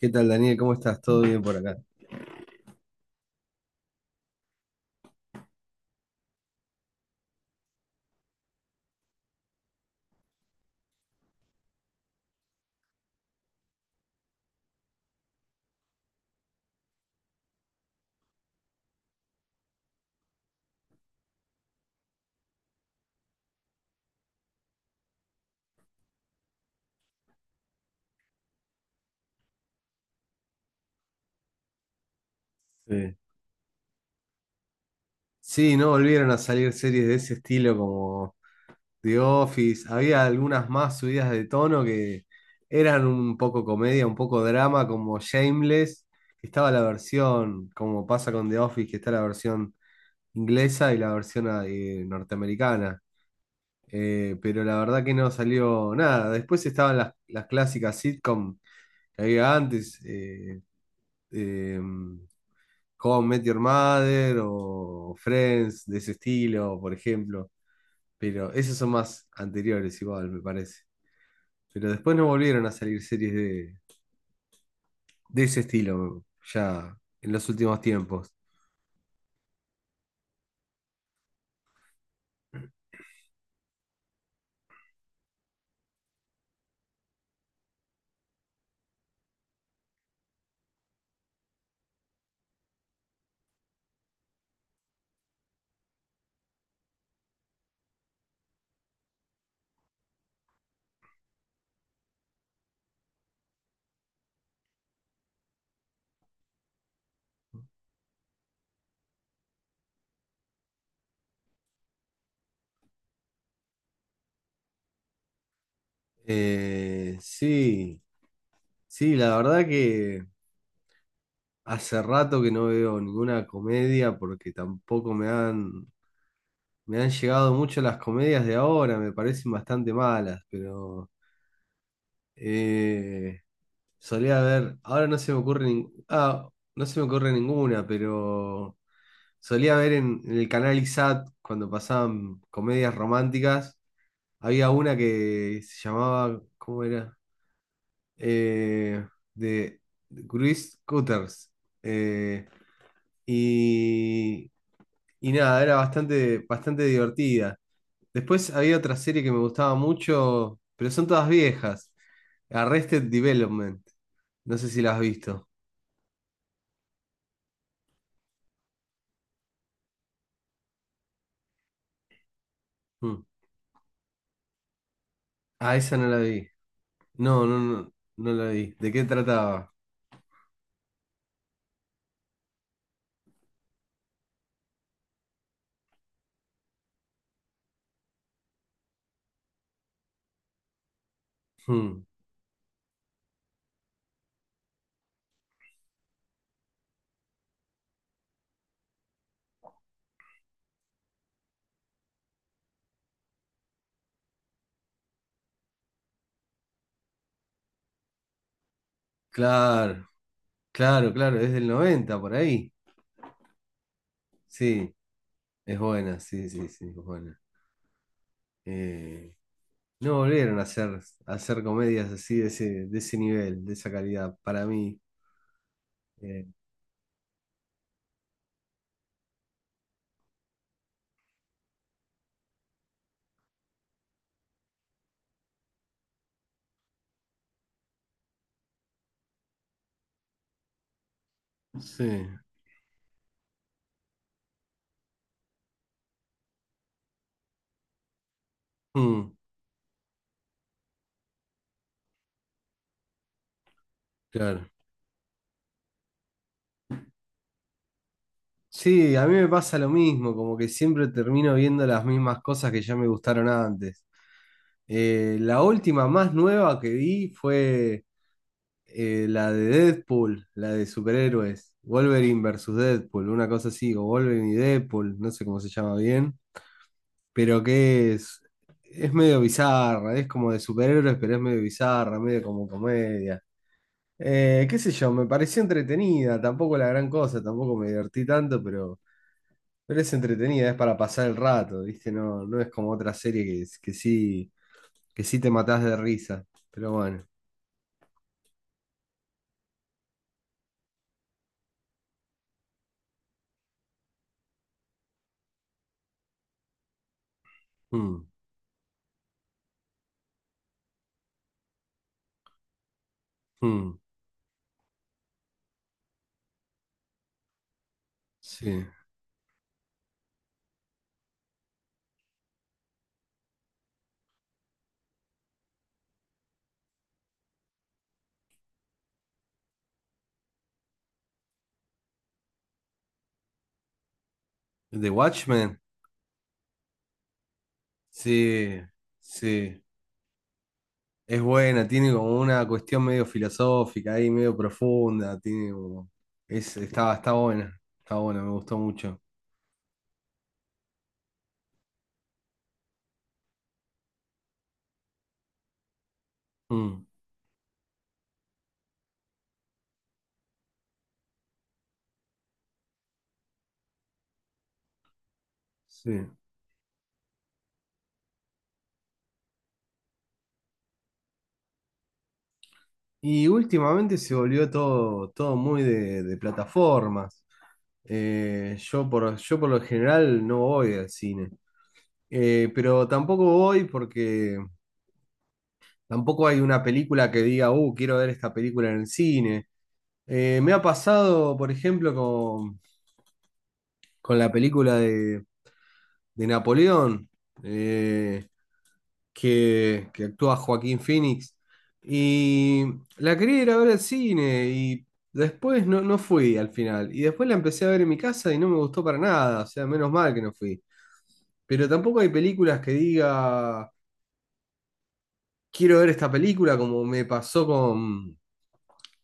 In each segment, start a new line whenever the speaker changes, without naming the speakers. ¿Qué tal, Daniel? ¿Cómo estás? ¿Todo bien por acá? Sí. Sí, no volvieron a salir series de ese estilo como The Office. Había algunas más subidas de tono que eran un poco comedia, un poco drama, como Shameless. Estaba la versión, como pasa con The Office, que está la versión inglesa y la versión norteamericana. Pero la verdad que no salió nada. Después estaban las clásicas sitcom que había antes. Em, How I Met Your Mother o Friends de ese estilo, por ejemplo. Pero esos son más anteriores igual, me parece. Pero después no volvieron a salir series de ese estilo ya en los últimos tiempos. Sí, sí, la verdad que hace rato que no veo ninguna comedia porque tampoco me han llegado mucho las comedias de ahora, me parecen bastante malas, pero... eh, Solía ver, ahora no se me ocurre nin- ah, no se me ocurre ninguna, pero solía ver en el canal ISAT cuando pasaban comedias románticas, había una que se llamaba, ¿cómo era? Eh, de Chris Cutters. Eh, y, y nada, era bastante divertida. Después había otra serie que me gustaba mucho, pero son todas viejas. Arrested Development. No sé si la has visto. Mm. Ah, esa no la vi. No, no, no, no la vi. ¿De qué trataba? Mm. Claro, claro, claro, es del 90 por ahí. Sí, es buena, sí, sí, sí, es buena. Eh, no volvieron a a hacer comedias así de de ese nivel, de esa calidad, para mí. Eh, sí, Mm, claro. Sí, a mí me pasa lo mismo, como que siempre termino viendo las mismas cosas que ya me gustaron antes. La última más nueva que vi fue la de Deadpool, la de superhéroes, Wolverine versus Deadpool, una cosa así, o Wolverine y Deadpool, no sé cómo se llama bien, pero es medio bizarra, es como de superhéroes, pero es medio bizarra, medio como comedia. Qué sé yo, me pareció entretenida, tampoco la gran cosa, tampoco me divertí tanto, pero... Pero es entretenida, es para pasar el rato, ¿viste? No, no es como otra serie que sí te matás de risa. Pero bueno. Mm, mm, sí. ¿The Watchmen? Sí, sí. Es buena, tiene como una cuestión medio filosófica ahí, medio profunda. Tiene como... Es, está, está buena. Está buena, me gustó mucho. Mm, sí. Y últimamente se volvió todo muy de plataformas. Yo por lo general no voy al cine. Pero tampoco voy porque tampoco hay una película que diga, quiero ver esta película en el cine. Me ha pasado, por ejemplo, con la película de Napoleón. Eh, que actúa Joaquín Phoenix. Y la quería ir a ver al cine y después no, no fui al final. Y después la empecé a ver en mi casa y no me gustó para nada, o sea, menos mal que no fui. Pero tampoco hay películas que diga, quiero ver esta película como me pasó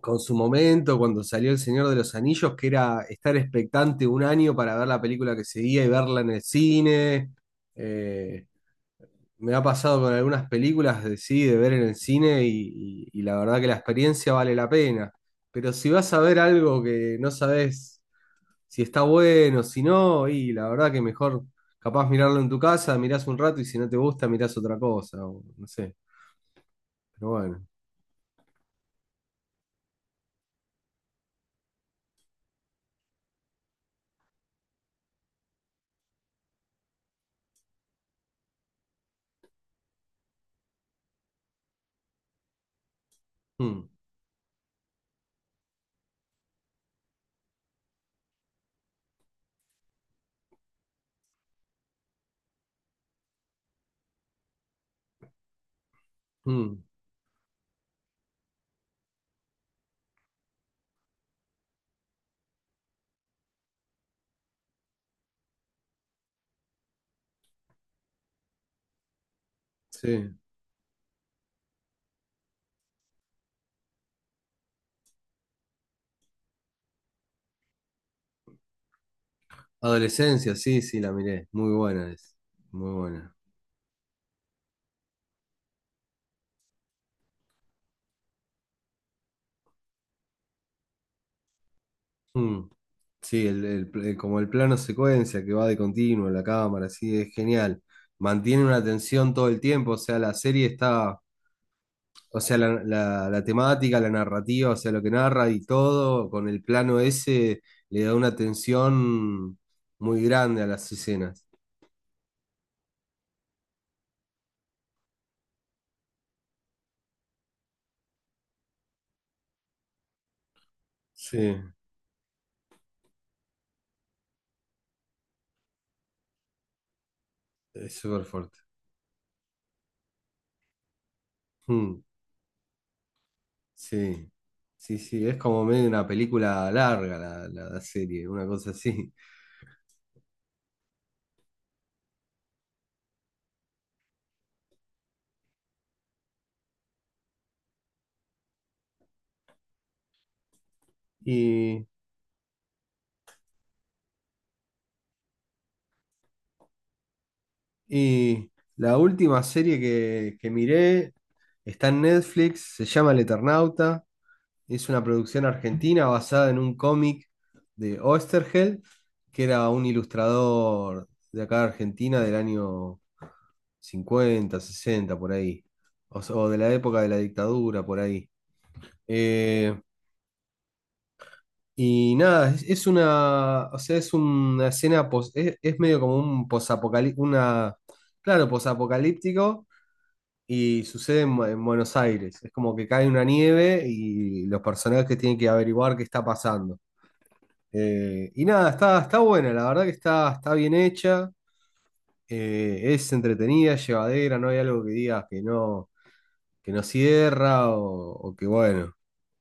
con su momento cuando salió El Señor de los Anillos, que era estar expectante un año para ver la película que seguía y verla en el cine. Eh, Me ha pasado con algunas películas de sí, de ver en el cine y la verdad que la experiencia vale la pena. Pero si vas a ver algo que no sabes si está bueno, si no, y la verdad que mejor capaz mirarlo en tu casa, mirás un rato y si no te gusta, mirás otra cosa, o no sé. Pero bueno. Mm, mm, sí. Adolescencia, sí, sí, la miré. Muy buena es. Muy buena. Mm. Sí, como el plano secuencia que va de continuo en la cámara, sí, es genial. Mantiene una tensión todo el tiempo, o sea, la serie está, o sea, la temática, la narrativa, o sea, lo que narra y todo, con el plano ese, le da una tensión muy grande a las escenas. Sí, es súper fuerte. Mm, sí, sí, sí, es como medio una película larga la serie, una cosa así. Y Y la última serie que miré está en Netflix, se llama El Eternauta, es una producción argentina basada en un cómic de Oesterheld, que era un ilustrador de acá de Argentina del año 50 60 por ahí, o de la época de la dictadura, por ahí. Eh, y nada, es una, o sea, es medio como un claro, posapocalíptico. Y sucede en Buenos Aires. Es como que cae una nieve y los personajes tienen que averiguar qué está pasando. Nada, está, está buena, la verdad que está, está bien hecha, es entretenida, llevadera, no hay algo que digas que no cierra o que bueno.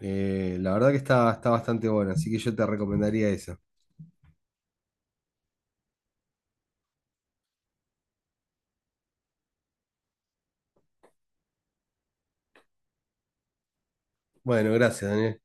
La verdad que está, está bastante buena, así que yo te recomendaría esa. Bueno, gracias, Daniel.